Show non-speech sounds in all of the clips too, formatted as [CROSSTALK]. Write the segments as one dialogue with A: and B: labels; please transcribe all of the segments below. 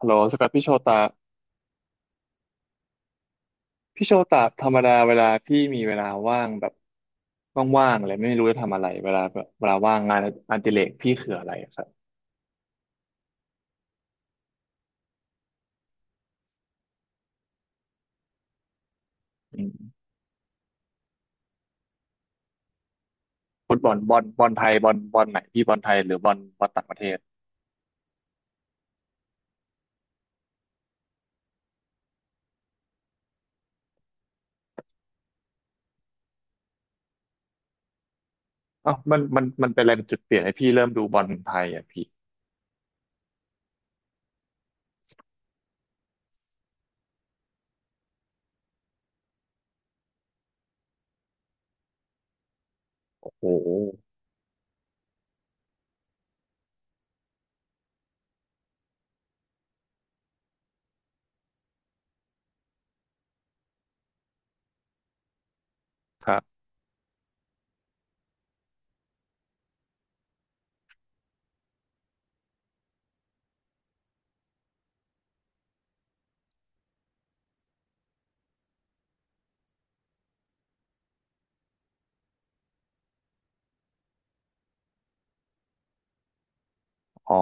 A: ฮัลโหลสกัดพี่โชตาพี่โชตาธรรมดาเวลาพี่มีเวลาว่างแบบว่างๆอะไรไม่รู้จะทำอะไรเวลาแบบเวลาว่างงานอดิเรกพี่คืออะไรอะครับอืมฟุตบอลบอลไทยบอลไหนพี่บอลไทยหรือบอลต่างประเทศเอ้าวมันเป็นอะไรเป็นจุดเปลี่ยนให้พี่เริ่มดูบอลไทยอ่ะพี่โอ้โหครับอ๋อ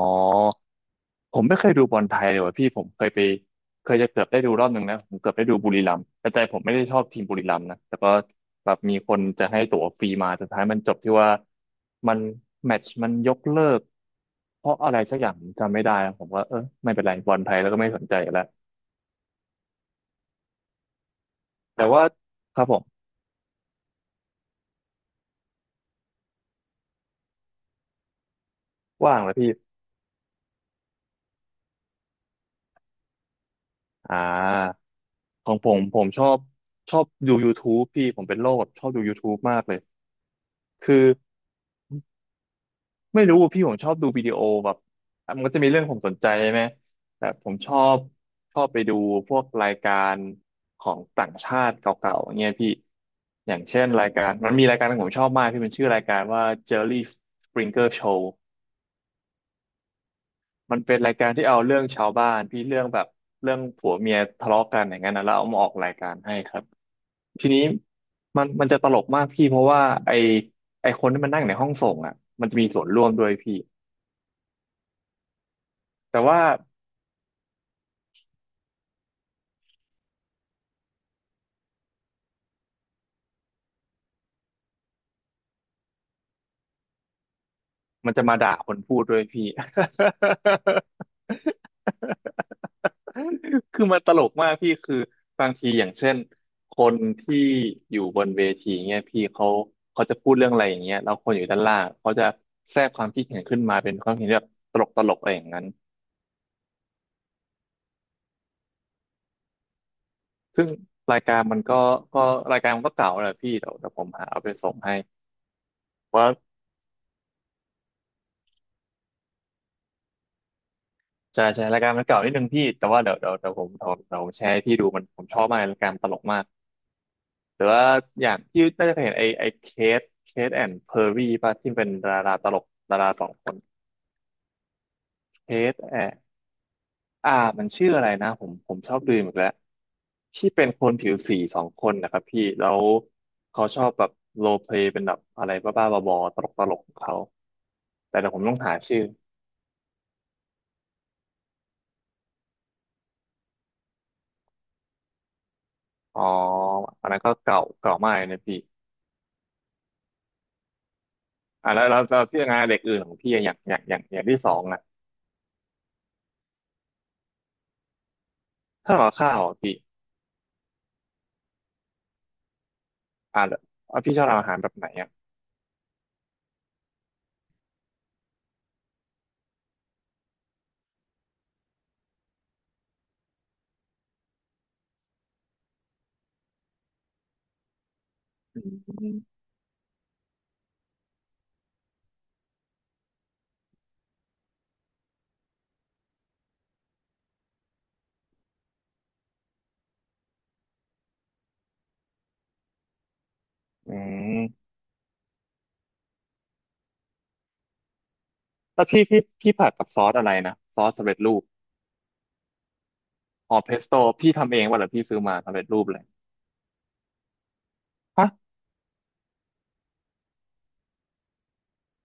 A: ผมไม่เคยดูบอลไทยเลยว่ะพี่ผมเคยไปเคยจะเกือบได้ดูรอบหนึ่งนะผมเกือบได้ดูบุรีรัมย์แต่ใจผมไม่ได้ชอบทีมบุรีรัมย์นะแต่ก็แบบมีคนจะให้ตั๋วฟรีมาสุดท้ายมันจบที่ว่ามันแมตช์มันยกเลิกเพราะอะไรสักอย่างผมจำไม่ได้แล้วผมว่าเออไม่เป็นไรบอลไทยแล้วก็ไม่สนใจแล้วแต่ว่าครับผมว่างแล้วพี่อ่าของผมชอบชอบดู YouTube พี่ผมเป็นโรคแบบชอบดู YouTube มากเลยคือ ไม่รู้พี่ผมชอบดูวิดีโอแบบมันก็จะมีเรื่องผมสนใจใช่ไหมแต่ผมชอบชอบไปดูพวกรายการของต่างชาติเก่าๆงเงี้ยพี่อย่างเช่นรายการมันมีรายการที่ผมชอบมากพี่มันชื่อรายการว่า Jerry Springer Show มันเป็นรายการที่เอาเรื่องชาวบ้านพี่เรื่องแบบเรื่องผัวเมียทะเลาะกันอย่างนั้นนะแล้วเอามาออกรายการให้ครับทีนี้มันจะตลกมากพี่เพราะว่าไอไอคนที่มันนั่งในห้องส่งอ่ะมันจะมีส่วนร่วมด้วยพี่แต่ว่า มันจะมาด่าคนพูดด้วยพี่ [LAUGHS] คือมันตลกมากพี่คือบางทีอย่างเช่นคนที่อยู่บนเวทีเนี่ยพี่เขาจะพูดเรื่องอะไรอย่างเงี้ยแล้วคนอยู่ด้านล่างเขาจะแทรกความคิดเห็นขึ้นมาเป็นความเห็นแบบตลกตลกอะไรอย่างนั้นซึ่งรายการมันก็รายการมันก็เก่าแหละพี่เดี๋ยวผมหาเอาไปส่งให้เพราะวจะใช้รายการมันเก่านิดนึงพี่แต่ว่าเดี๋ยวเดี๋ยวเดี๋ยวผมเดี๋ยวเดี๋ยวผมแชร์ให้พี่ดูมันผมชอบมากรายการตลกมาก แต่ว่าอย่างที่น่าจะเคยเห็นไอเคทเคทแอนด์เพอร์ี่ป่ะที่เป็นดาราตลกดาราสองคนเคทแอนอ่ามันชื่ออะไรนะผมชอบดูอีกแล้วที่เป็นคนผิวสีสองคนนะครับพี่แล้วเขาชอบแบบโรลเพลย์เป็นแบบอะไรบ้าๆบอๆตลกตลกของเขาแต่เดี๋ยวผมต้องหาชื่ออ๋ออันนั้นก็เก่าเก่ามากเลยนะพี่อ่าแล้วที่งานเด็กอื่นของพี่อะอย่างที่สองอ่ะถ้าเราข้าวอะพี่อ่าแล้วอ่ะพี่ชอบทำอาหารแบบไหนอ่ะอืม อืมแล้วพี่ผัดกับซอสอะไรนะซอสสำเร็จรูปอ๋อเพสโต้พี่ทำเองวะหรือพี่ซื้อมาสำเร็จรูปเลยฮะ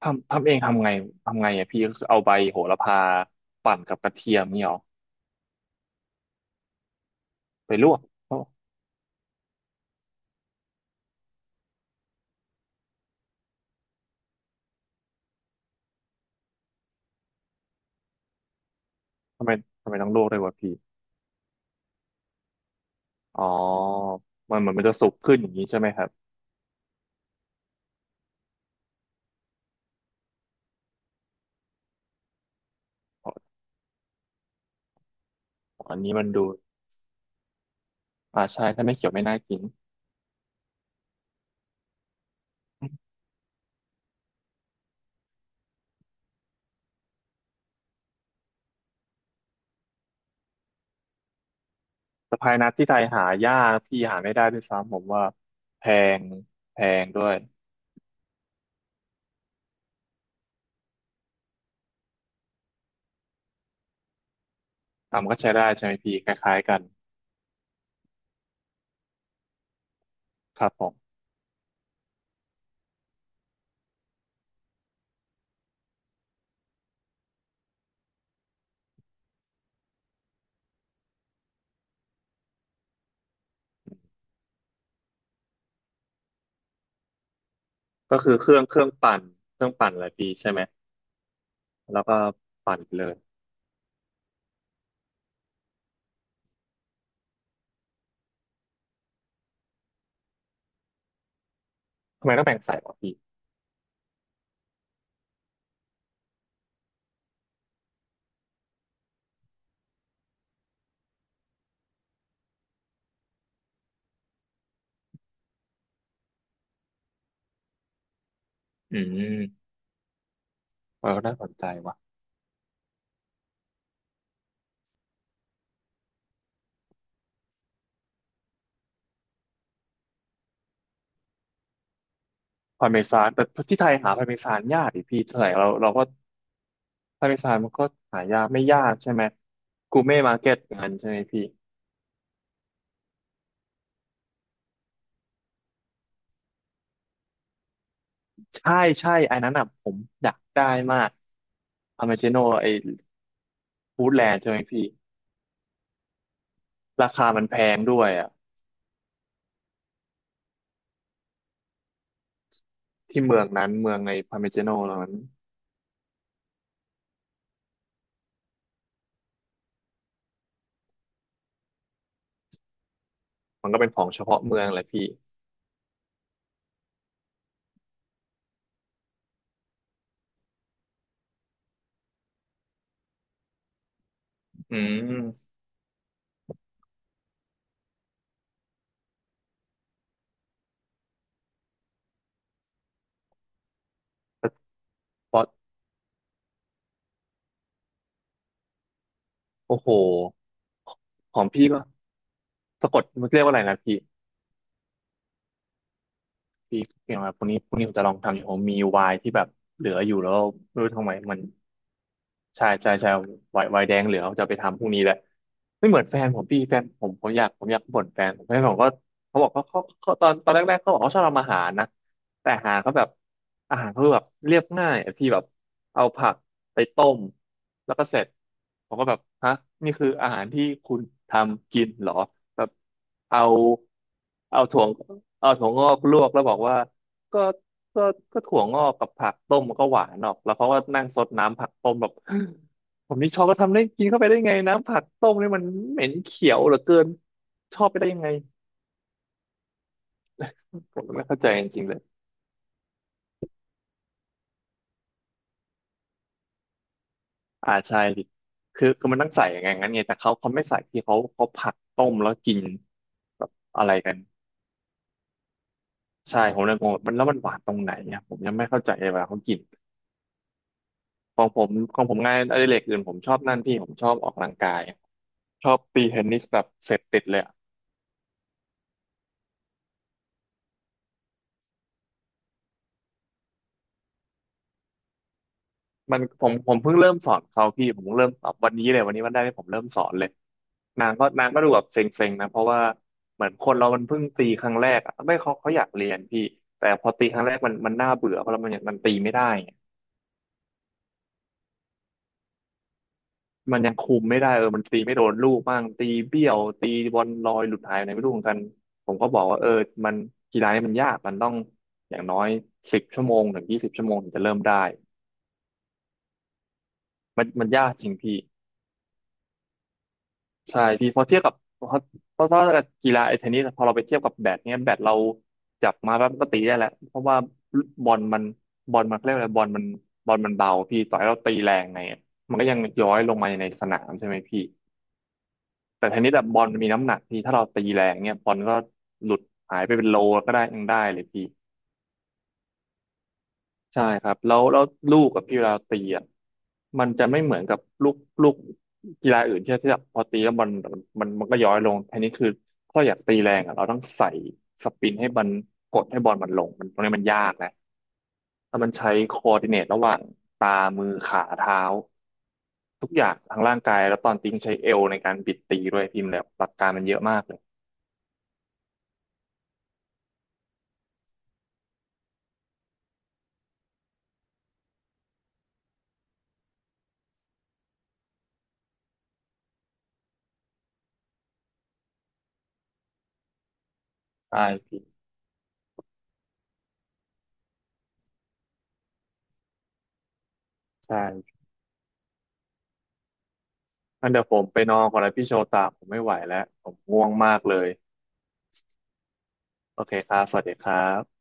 A: ทำเองทำไงทำไงอ่ะพี่ก็คือเอาใบโหระพาปั่นกับกระเทียมนี่หรอไปลวกเอ้าทำไมทำไมต้องลวกด้วยวะพี่อ๋อมันเหมือนมันจะสุกขึ้นอย่างนี้ใช่ไหมครับอ๋ออันนี้มันดูอ่าใช่ถ้าไม่เขียวไม่น่ากินสะพายนัทที่ไทยหายากพี่หาไม่ได้ด้วยซ้ำผมว่าแพงแพงด้วยอ่ะมันก็ใช้ได้ใช่ไหมพี่คล้ายๆกันครับผม ก็คือเครื่องปั่นเครื่องปั่นอะไรพี่ใช่ไหมแล้วก็ปั่นไปเลยทำไมต้องแบ่งสายวะพี่อืมเออน่าสนใจว่ะพาร์เมซานแต่ที่ไทยหาพาร์เมซานยากดิพี่ไทยเราเราก็พาร์เมซานมันก็หายากไม่ยากใช่ไหมกูเม่มาร์เก็ตงานใช่ไหมพี่ใช่ใช่ไอ้นั้นอ่ะผมอยากได้มากอเมจิโนไอ้ฟูดแลนด์ใช่ไหมพี่ราคามันแพงด้วยอ่ะที่เมืองนั้นเมืองในพาร์เมจิโนนั้นมันก็เป็นของเฉพาะเมืองแหละพี่อืมเฉพาะ โอ้โห ของพี่ก็สะกดมันเรียกว่าอะไรนะพี่พี่อย่างไรพวกนี้พวกนี้ผมจะลองทำอยู่ผมมีวายที่แบบเหลืออยู่แล้วไม่รู้ทำไมมัน ใช่ใช่ใช่ไวน์แดงเหลืองจะไปทำพรุ่งนี้แหละไม่เหมือนแฟนผมพี่แฟนผมผมอยากบ่นแฟนผมก็เขาบอกเขาตอนแรกๆเขาบอกเขาชอบทำอาหารนะแต่อาหารเขาแบบเรียบง่ายอะพี่แบบเอาผักไปต้มแล้วก็เสร็จผมก็แบบฮะนี่คืออาหารที่คุณทำกินเหรอแบบเอาเอาถั่วเอาถั่วงอกลวกแล้วบอกว่า ก็ก็ก็ถั่วงอกกับผักต้มมันก็หวานออกแล้วเขาก็นั่งซดน้ำผักต้มแบบ [GASPS] ผมนี่ชอบก็ทำได้กินเข้าไปได้ไงน้ำผักต้มนี่มันเหม็นเขียวเหลือเกินชอบไปได้ยังไงผมไม่เข้าใจจริงๆเลยอ่าใช่ดิคือมันต้องใส่อย่างงั้นไงแต่เขาไม่ใส่ที่เขาผักต้มแล้วกินแบบอะไรกันใช่ผมเลยงงว่ามันแล้วมันหวานตรงไหนเนี่ยผมยังไม่เข้าใจเวลาเขากินของผมของผมงานอดิเรกอื่นผมชอบนั่นพี่ผมชอบออกกำลังกายชอบตีเทนนิสแบบเสพติดเลย มันผมเพิ่งเริ่มสอนเขาพี่ผมเพิ่งเริ่มสอนวันนี้เลยวันนี้วันแรกที่ผมเริ่มสอนเลยนางก็ดูแบบเซ็งๆนะเพราะว่าเหมือนคนเรามันเพิ่งตีครั้งแรกอะไม่เขาอยากเรียนพี่แต่พอตีครั้งแรกมันน่าเบื่อเพราะเรามันยังมันตีไม่ได้ไงมันยังคุมไม่ได้เออมันตีไม่โดนลูกบ้างตีเบี้ยวตีบอลลอยหลุดหายอะไรไม่รู้เหมือนกันผมก็บอกว่าเออมันกีฬานี่มันยากมันต้องอย่างน้อย10 ชั่วโมงถึง 20 ชั่วโมงถึงจะเริ่มได้มันยากจริงพี่ ใช่พี่พอเทียบกับเพราะเพราะว่ากีฬาไอ้เทนนิสพอเราไปเทียบกับแบดเนี้ยแบดเราจับมาแล้วก็ตีได้แหละเพราะว่าบอลมันบอลมันเขาเรียกอะไรบอลมันเบาพี่ต่อยเราตีแรงไงอะมันก็ยังย้อยลงมาในสนามใช่ไหมพี่แต่เทนนิสแบบบอลมันมีน้ำหนักพี่ถ้าเราตีแรงเนี้ยบอลก็หลุดหายไปเป็นโลก็ได้ยังได้เลยพี่ ใช่ครับแล้วลูกกับพี่เวลาตีอ่ะมันจะไม่เหมือนกับลูกกีฬาอื่นที่แบบพอตีแล้วบอลมันก็ย้อยลงทีนี้คือถ้าอยากตีแรงอ่ะเราต้องใส่สปินให้มันกดให้บอลมันลงมันตรงนี้มันยากนะแล้วมันใช้คอ o ์ดิเนตระหว่างตามือขาเท้าทุกอย่างทางร่างกายแล้วตอนตีต้องใช้เอวในการบิดตีด้วยพิมพ์แล้วหลักการมันเยอะมากเลยใช่พี่ใช่งั้นเดี๋ยวผมไปนอนก่อนนะพี่โชตาผมไม่ไหวแล้วผมง่วงมากเลยโอเคครับสวัสดีครับ